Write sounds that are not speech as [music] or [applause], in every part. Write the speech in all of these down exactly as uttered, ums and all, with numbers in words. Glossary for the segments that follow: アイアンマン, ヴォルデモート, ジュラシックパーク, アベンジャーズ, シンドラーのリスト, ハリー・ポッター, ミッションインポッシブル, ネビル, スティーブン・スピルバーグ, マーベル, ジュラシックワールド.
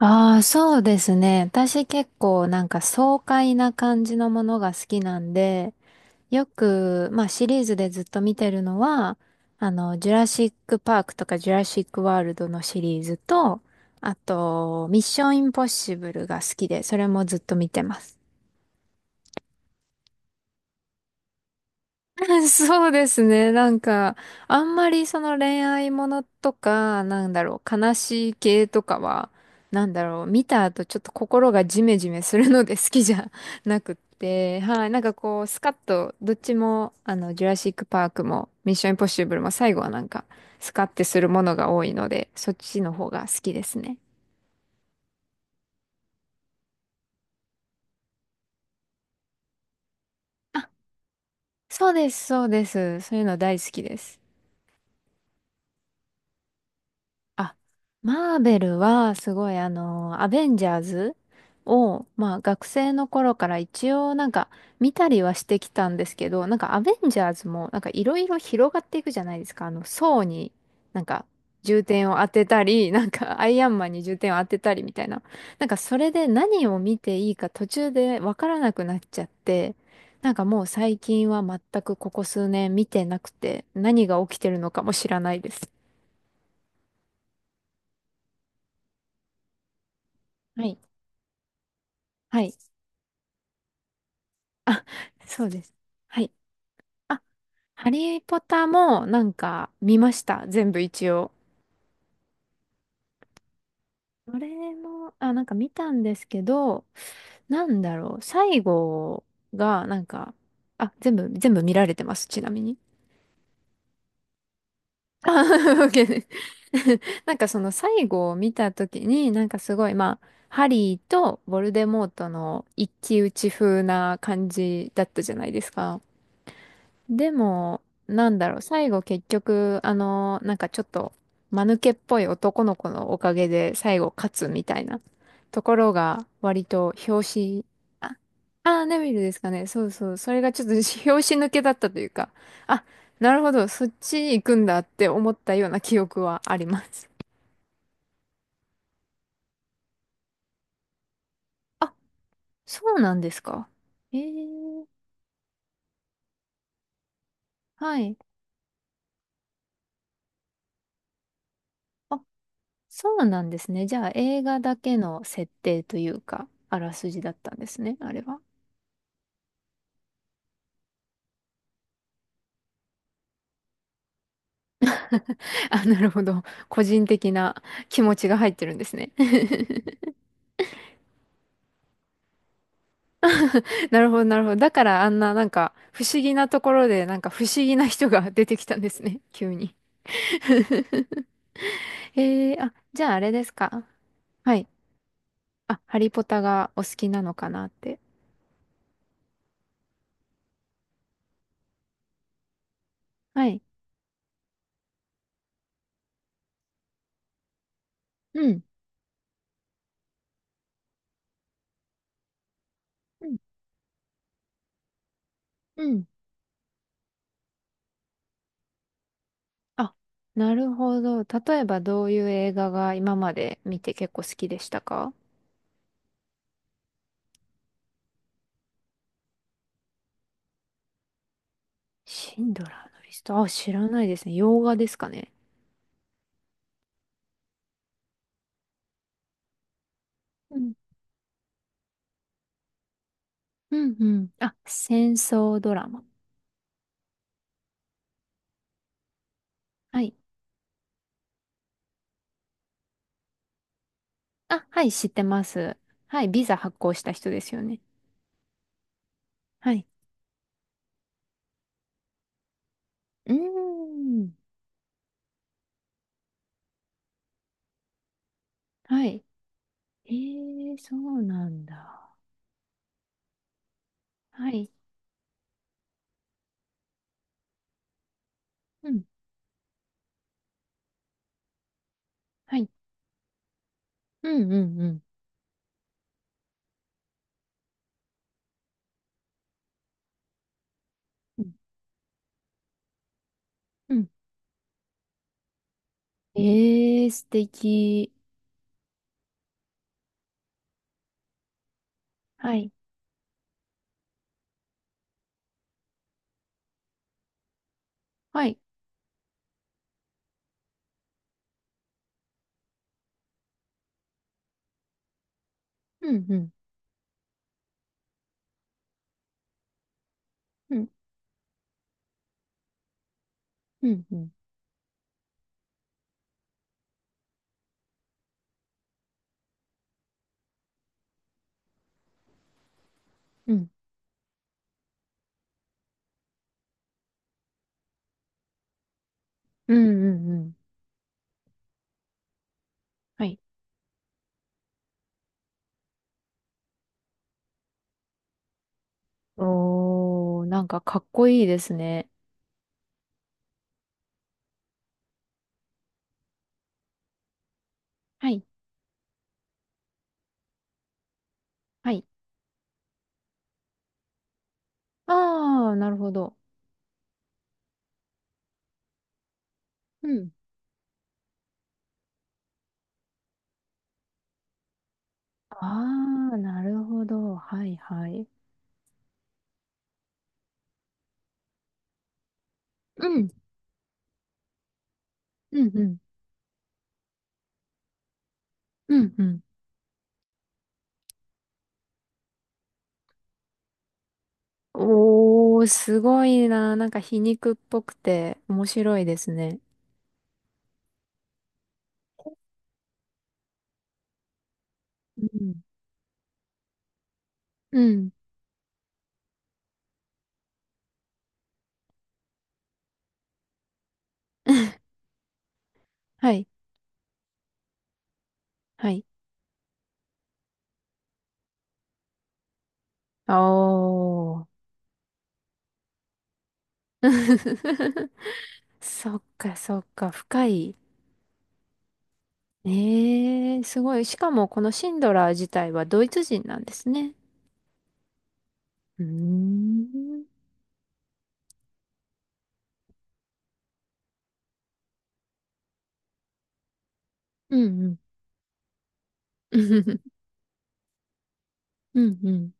ああ、そうですね。私結構なんか爽快な感じのものが好きなんで、よく、まあシリーズでずっと見てるのは、あの、ジュラシックパークとかジュラシックワールドのシリーズと、あと、ミッションインポッシブルが好きで、それもずっと見てます。[laughs] そうですね。なんか、あんまりその恋愛ものとか、なんだろう、悲しい系とかは、なんだろう、見た後ちょっと心がジメジメするので好きじゃ [laughs] なくって、はい。なんかこう、スカッと、どっちも、あの、ジュラシックパークも、ミッションインポッシブルも最後はなんか、スカッてするものが多いので、そっちの方が好きですね。あ、そうです、そうです。そういうの大好きです。あ、マーベルはすごいあの、アベンジャーズを、まあ学生の頃から一応なんか見たりはしてきたんですけど、なんかアベンジャーズもなんかいろいろ広がっていくじゃないですか。あの、層になんか重点を当てたり、なんかアイアンマンに重点を当てたりみたいな。なんかそれで何を見ていいか途中でわからなくなっちゃって、なんかもう最近は全くここ数年見てなくて、何が起きてるのかも知らないです。はい。はい、あ、そうです。はい。あ、ハリー・ポッターもなんか見ました。全部一応。それも、あ、なんか見たんですけど、なんだろう。最後が、なんか、あ、全部、全部見られてます。ちなみに。あ、[laughs] OK です。[laughs] なんかその最後を見たときに、なんかすごい、まあ、ハリーとヴォルデモートの一騎打ち風な感じだったじゃないですか。でも、なんだろう、最後結局、あの、なんかちょっと、間抜けっぽい男の子のおかげで最後勝つみたいなところが割と表紙、あ、あー、ネビルですかね。そうそう。それがちょっと [laughs] 表紙抜けだったというか、あ、なるほど、そっち行くんだって思ったような記憶はあります。あ、そうなんですか。えー、はい。あ、そうなんですね。じゃあ映画だけの設定というか、あらすじだったんですね、あれは。[laughs] あ、なるほど。個人的な気持ちが入ってるんですね。[laughs] なるほど、なるほど。だからあんななんか不思議なところでなんか不思議な人が出てきたんですね。[laughs] 急に。[laughs] えー、あ、じゃああれですか。はい。あ、ハリポタがお好きなのかなって。はい。うん。うん。うん。あ、なるほど。例えばどういう映画が今まで見て結構好きでしたか？シンドラーのリスト。あ、知らないですね。洋画ですかね。うんうん。あ、戦争ドラマ。はい。あ、はい、知ってます。はい、ビザ発行した人ですよね。はい。うーん。はい。えー、そうなんだ。はい。うん。はい。うんうんうん。うんうん、えー、素敵。はい。はい。うんうんうん。うんうんうん。うんうんうん。はい。おー、なんかかっこいいですね。はい。はい。あー、なるほど。うん、ああ、なるほど。はいはい。うん、うん、うん、うん、うん。おー、すごいな。なんか皮肉っぽくて面白いですね。うん。うん。[laughs] はい、はい。おー。[laughs] そっか、そっか、深い。ええー、すごい。しかも、このシンドラー自体はドイツ人なんですね。うーん。うんうん。[laughs] うんうん。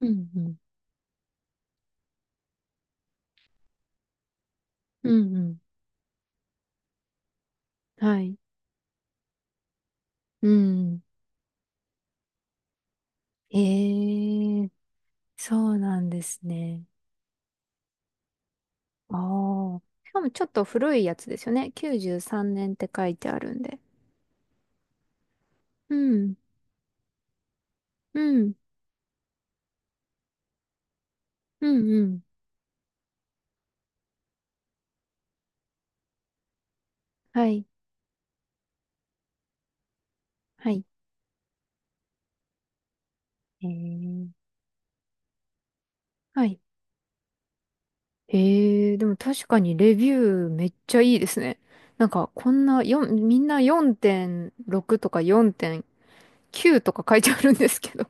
うんうん。うんうん。はい。うん。ええ、そうなんですね。ああ。しかもちょっと古いやつですよね。きゅうじゅうさんねんって書いてあるんで。うん、うん、うん、うん。はい、はい。ええ、はい。ええ、でも確かにレビューめっちゃいいですね。なんかこんなよん、みんなよんてんろくとかよんてんきゅうとか書いてあるんですけど。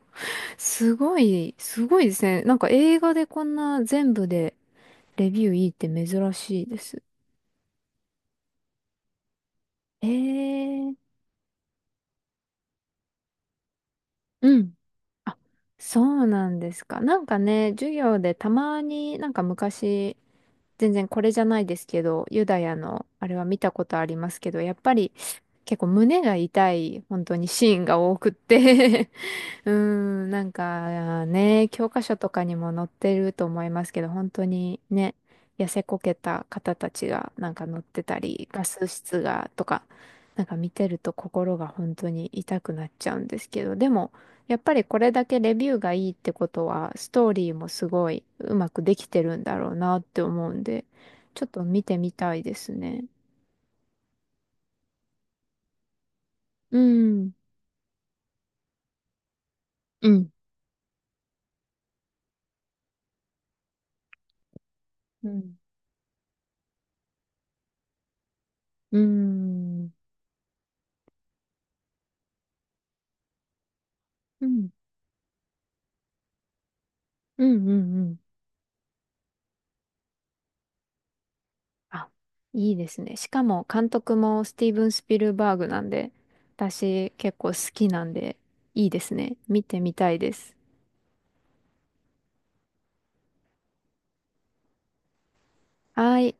すごい、すごいですね。なんか映画でこんな全部でレビューいいって珍しいです。ええ、うん。あ、そうなんですか。なんかね、授業でたまになんか昔、全然これじゃないですけど、ユダヤのあれは見たことありますけど、やっぱり結構胸が痛い本当にシーンが多くって [laughs] うーん、なんかね、教科書とかにも載ってると思いますけど、本当にね、痩せこけた方たちがなんか乗ってたり、ガス室がとか、なんか見てると心が本当に痛くなっちゃうんですけど、でも、やっぱりこれだけレビューがいいってことは、ストーリーもすごいうまくできてるんだろうなって思うんで、ちょっと見てみたいですね。うん、うん、うん。うん、うん、うん、うん、うん。あ、いいですね。しかも監督もスティーブン・スピルバーグなんで、私結構好きなんで、いいですね。見てみたいです。はい。